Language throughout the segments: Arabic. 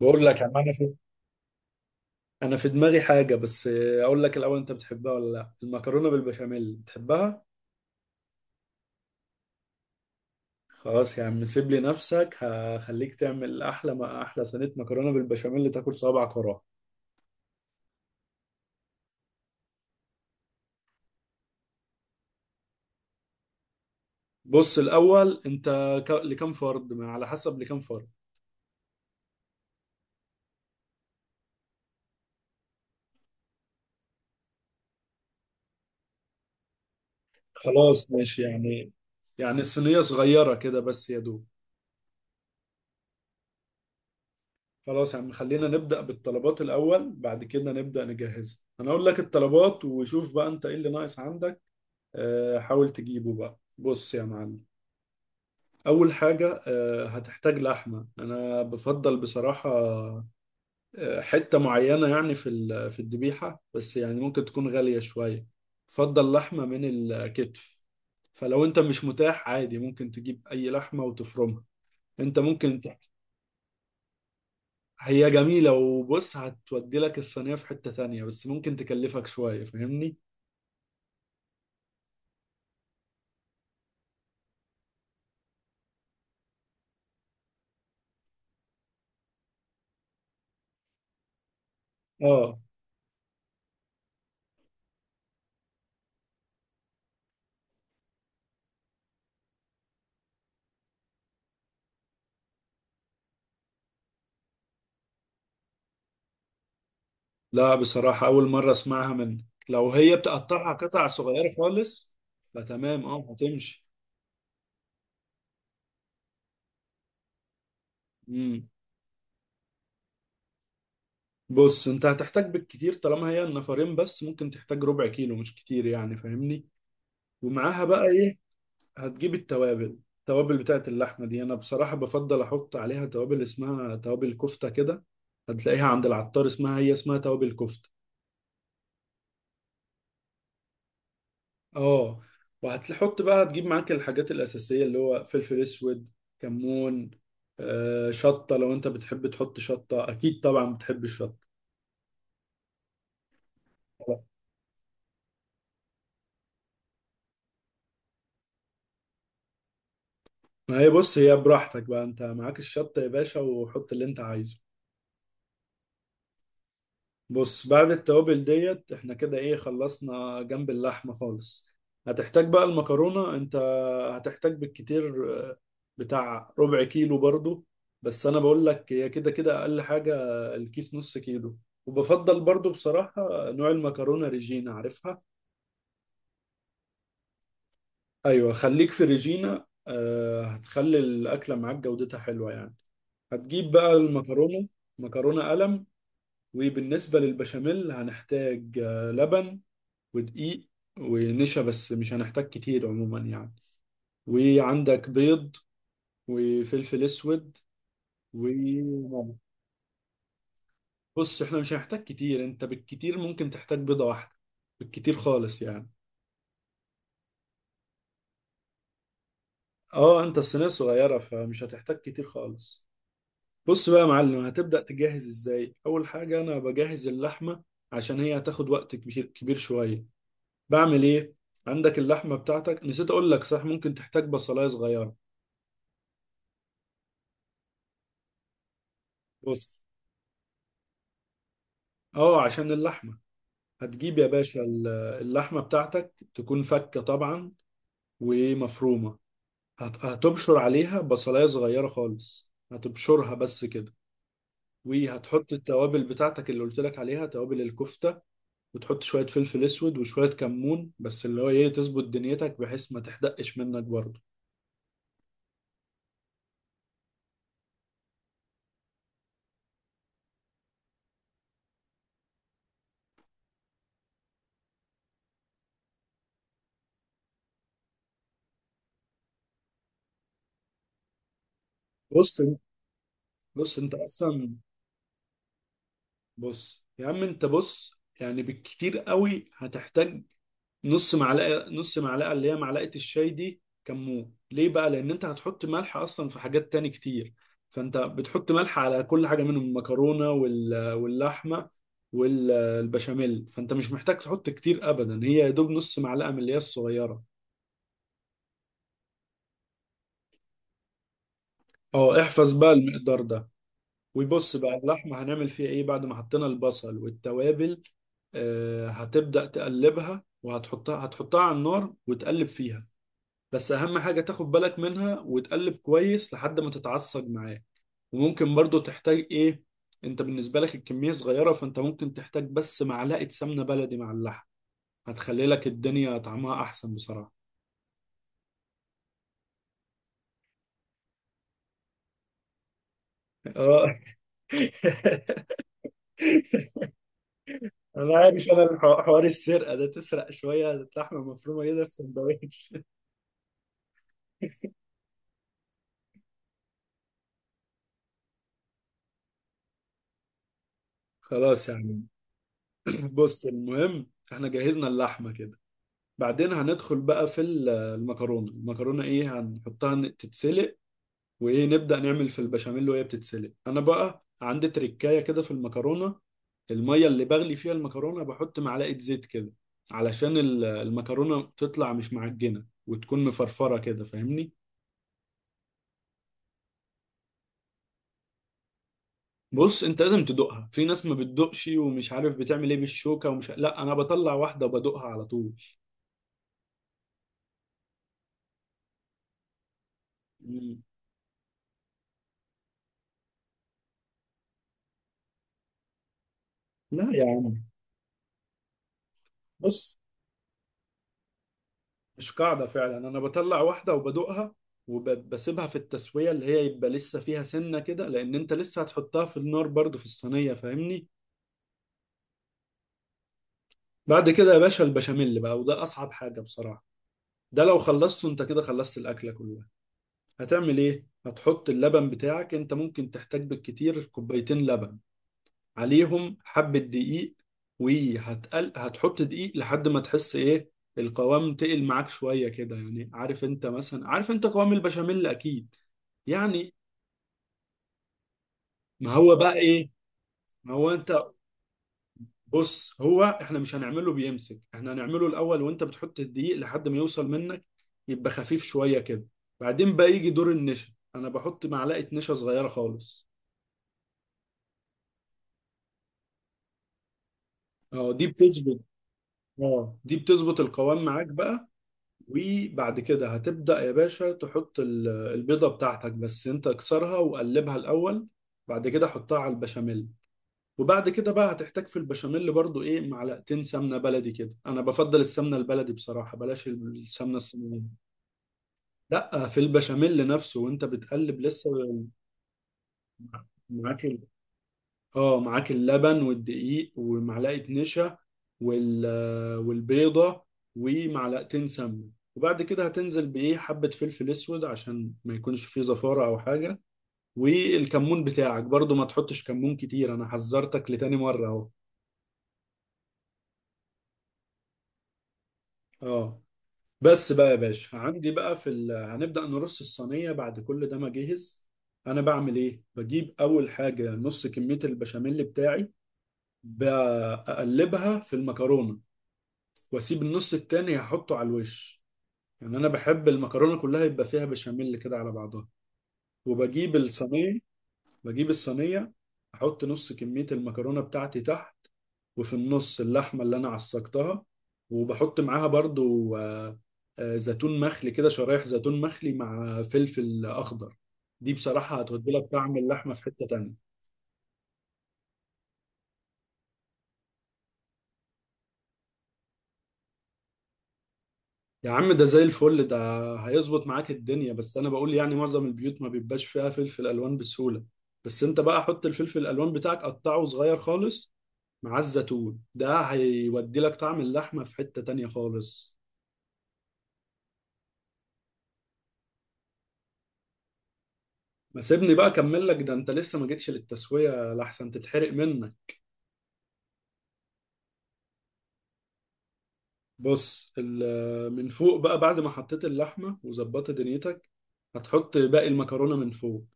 بقول لك. أما انا في انا في دماغي حاجه، بس اقول لك الاول، انت بتحبها ولا لا؟ المكرونه بالبشاميل بتحبها. خلاص يا عم، سيب لي نفسك، هخليك تعمل احلى ما احلى صينيه مكرونه بالبشاميل اللي تاكل صوابعك وراها. بص الاول انت لكام فرد؟ ما على حسب لكام فرد. خلاص ماشي، يعني يعني الصينيه صغيره كده بس يا دوب. خلاص يا عم، خلينا نبدا بالطلبات الاول، بعد كده نبدا نجهزها. انا اقول لك الطلبات، وشوف بقى انت ايه اللي ناقص عندك. حاول تجيبه. بقى بص يا معلم، أول حاجة هتحتاج لحمة. أنا بفضل بصراحة حتة معينة يعني في الذبيحة، بس يعني ممكن تكون غالية شوية. بفضل لحمة من الكتف، فلو أنت مش متاح عادي، ممكن تجيب أي لحمة وتفرمها. أنت ممكن ت... هي جميلة، وبص هتودي لك الصينية في حتة تانية، بس ممكن تكلفك شوية، فاهمني؟ اه. لا بصراحة أول مرة أسمعها منك. لو هي بتقطعها قطع صغيرة خالص، فتمام أه هتمشي. مم. بص أنت هتحتاج بالكتير، طالما هي النفرين بس، ممكن تحتاج ربع كيلو، مش كتير يعني، فاهمني. ومعاها بقى إيه؟ هتجيب التوابل. التوابل بتاعت اللحمة دي، أنا بصراحة بفضل أحط عليها توابل اسمها توابل كفتة كده. هتلاقيها عند العطار، اسمها هي اسمها توابل كفتة. اه. وهتحط بقى، هتجيب معاك الحاجات الأساسية، اللي هو فلفل أسود، كمون، شطة لو أنت بتحب تحط شطة، أكيد طبعا بتحب الشطة. ما هي بص، هي براحتك بقى، أنت معاك الشطة يا باشا، وحط اللي أنت عايزه. بص بعد التوابل ديت، احنا كده ايه، خلصنا جنب اللحمة خالص. هتحتاج بقى المكرونة. انت هتحتاج بالكتير بتاع ربع كيلو برضو، بس انا بقول لك هي كده كده اقل حاجة الكيس نص كيلو. وبفضل برضو بصراحة نوع المكرونة ريجينا، عارفها؟ ايوه، خليك في ريجينا، هتخلي الاكلة معاك جودتها حلوة يعني. هتجيب بقى المكرونة، مكرونة قلم. وبالنسبة للبشاميل، هنحتاج لبن، ودقيق، ونشا، بس مش هنحتاج كتير عموما يعني. وعندك بيض، وفلفل اسود، وملح. بص احنا مش هنحتاج كتير، انت بالكتير ممكن تحتاج بيضة واحدة، بالكتير خالص يعني. اه انت الصينية صغيرة، فمش هتحتاج كتير خالص. بص بقى يا معلم، هتبدأ تجهز ازاي. اول حاجة انا بجهز اللحمة، عشان هي هتاخد وقت كبير شوية. بعمل ايه؟ عندك اللحمة بتاعتك، نسيت اقول لك، صح ممكن تحتاج بصلاية صغيرة. بص، اه عشان اللحمة. هتجيب يا باشا اللحمة بتاعتك تكون فكة طبعا، ومفرومة. هتبشر عليها بصلاية صغيرة خالص، هتبشرها بس كده. وهتحط التوابل بتاعتك اللي قلت لك عليها، توابل الكفتة. وتحط شوية فلفل اسود، وشوية كمون، بس اللي هو ايه، تظبط دنيتك بحيث ما تحدقش منك برضه. بص بص انت اصلا بص يا عم، انت بص يعني، بالكتير قوي هتحتاج نص معلقه اللي هي معلقه الشاي دي. كمون ليه بقى؟ لان انت هتحط ملح اصلا في حاجات تاني كتير، فانت بتحط ملح على كل حاجه منهم، المكرونه، واللحمه، والبشاميل، فانت مش محتاج تحط كتير ابدا، هي يا دوب نص معلقه من اللي هي الصغيره. اه احفظ بقى المقدار ده. ويبص بقى اللحمه، هنعمل فيها ايه بعد ما حطينا البصل والتوابل؟ هتبدأ تقلبها، هتحطها على النار وتقلب فيها. بس اهم حاجة تاخد بالك منها، وتقلب كويس لحد ما تتعصج معاه. وممكن برضو تحتاج ايه، انت بالنسبة لك الكمية صغيرة، فانت ممكن تحتاج بس معلقة سمنة بلدي مع اللحم، هتخلي لك الدنيا طعمها احسن بصراحة. اه. انا عارف، انا حوار السرقه ده، تسرق شويه لحمه مفرومه كده في سندوتش. خلاص يعني. بص المهم احنا جهزنا اللحمة كده. بعدين هندخل بقى في المكرونة. المكرونة ايه، هنحطها تتسلق. وايه، نبدأ نعمل في البشاميل وهي بتتسلق. انا بقى عندي تركاية كده في المكرونة، المية اللي بغلي فيها المكرونة بحط معلقة زيت كده، علشان المكرونة تطلع مش معجنة وتكون مفرفرة كده، فاهمني. بص انت لازم تدوقها. في ناس ما بتدوقش ومش عارف بتعمل ايه بالشوكة ومش، لا انا بطلع واحدة وبدوقها على طول. مم. لا يا عم، بص مش قاعدة فعلا، أنا بطلع واحدة وبدوقها، وبسيبها في التسوية اللي هي يبقى لسه فيها سنة كده، لأن أنت لسه هتحطها في النار برضو في الصينية، فاهمني. بعد كده يا باشا البشاميل بقى، وده أصعب حاجة بصراحة، ده لو خلصته أنت كده خلصت الأكلة كلها. هتعمل إيه؟ هتحط اللبن بتاعك، أنت ممكن تحتاج بالكتير كوبايتين لبن، عليهم حبة دقيق. هتحط دقيق لحد ما تحس إيه، القوام تقل معاك شوية كده يعني. عارف أنت مثلا، عارف أنت قوام البشاميل أكيد يعني. ما هو بقى ايه ما هو انت بص هو احنا مش هنعمله بيمسك، احنا هنعمله الاول، وانت بتحط الدقيق لحد ما يوصل منك، يبقى خفيف شوية كده. بعدين بقى يجي دور النشا، انا بحط معلقة نشا صغيرة خالص. اه دي بتظبط اه دي بتظبط القوام معاك بقى. وبعد كده هتبدأ يا باشا تحط البيضة بتاعتك، بس انت اكسرها وقلبها الاول، بعد كده حطها على البشاميل. وبعد كده بقى هتحتاج في البشاميل برضو ايه، معلقتين سمنه بلدي كده. انا بفضل السمنه البلدي بصراحه، بلاش السمنه الصينيه. لا في البشاميل نفسه وانت بتقلب لسه. معاك ال... اه معاك اللبن والدقيق ومعلقه نشا، وال... والبيضه، ومعلقتين سمنه. وبعد كده هتنزل بايه، حبه فلفل اسود عشان ما يكونش فيه زفاره او حاجه. والكمون بتاعك برضو ما تحطش كمون كتير، انا حذرتك لتاني مره اهو. اه. بس بقى يا باشا عندي بقى هنبدأ نرص الصينية بعد كل ده ما اجهز. انا بعمل ايه، بجيب اول حاجة نص كمية البشاميل بتاعي، بقلبها في المكرونة، واسيب النص التاني هحطه على الوش. يعني انا بحب المكرونة كلها يبقى فيها بشاميل كده على بعضها. وبجيب الصينية. بجيب الصينية، أحط نص كمية المكرونة بتاعتي تحت، وفي النص اللحمة اللي أنا عصقتها. وبحط معاها برضو زيتون مخلي كده، شرايح زيتون مخلي مع فلفل أخضر. دي بصراحة هتودي لك طعم اللحمة في حتة تانية. يا عم ده زي الفل، ده هيظبط معاك الدنيا، بس أنا بقول يعني معظم البيوت ما بيبقاش فيها فلفل ألوان بسهولة. بس أنت بقى حط الفلفل الألوان بتاعك قطعه صغير خالص، مع الزيتون، ده هيودي لك طعم اللحمة في حتة تانية خالص. ما سيبني بقى اكمل لك ده، انت لسه ما جيتش للتسويه لحسن تتحرق منك. بص من فوق بقى بعد ما حطيت اللحمه وظبطت دنيتك، هتحط باقي المكرونه من فوق.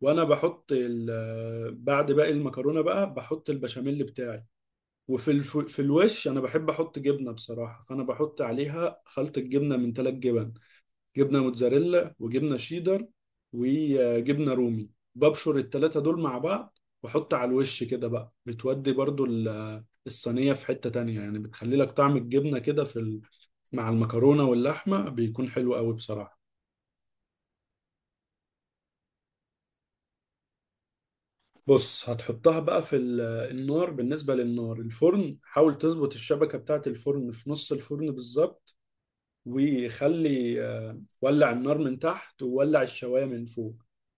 وانا بحط بعد باقي المكرونه بقى بحط البشاميل بتاعي. في الوش انا بحب احط جبنه بصراحه، فانا بحط عليها خلطه جبنه من ثلاث جبن، جبنه موتزاريلا، وجبنه شيدر، وجبنه رومي. ببشر التلاتة دول مع بعض واحط على الوش كده بقى، بتودي برضو الصينية في حتة تانية يعني، بتخلي لك طعم الجبنة كده مع المكرونة واللحمة، بيكون حلو قوي بصراحة. بص هتحطها بقى النار. بالنسبة للنار، الفرن حاول تظبط الشبكة بتاعة الفرن في نص الفرن بالظبط، وخلي ولع النار من تحت وولع الشواية من فوق.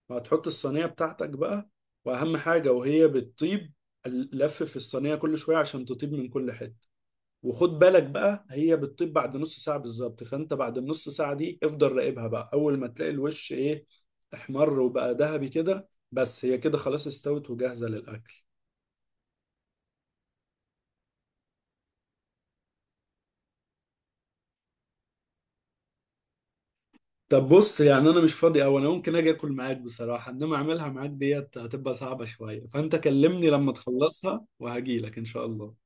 وهتحط الصينية بتاعتك بقى. وأهم حاجة وهي بتطيب، لف في الصينية كل شوية عشان تطيب من كل حتة. وخد بالك بقى هي بتطيب بعد نص ساعة بالظبط، فأنت بعد النص ساعة دي افضل راقبها بقى، أول ما تلاقي الوش إيه، احمر وبقى ذهبي كده، بس هي كده خلاص استوت وجاهزة للأكل. طب بص يعني، انا مش فاضي، او انا ممكن اجي اكل معاك بصراحه، انما اعملها معاك ديت هتبقى صعبه شويه. فانت كلمني لما تخلصها وهجيلك ان شاء الله.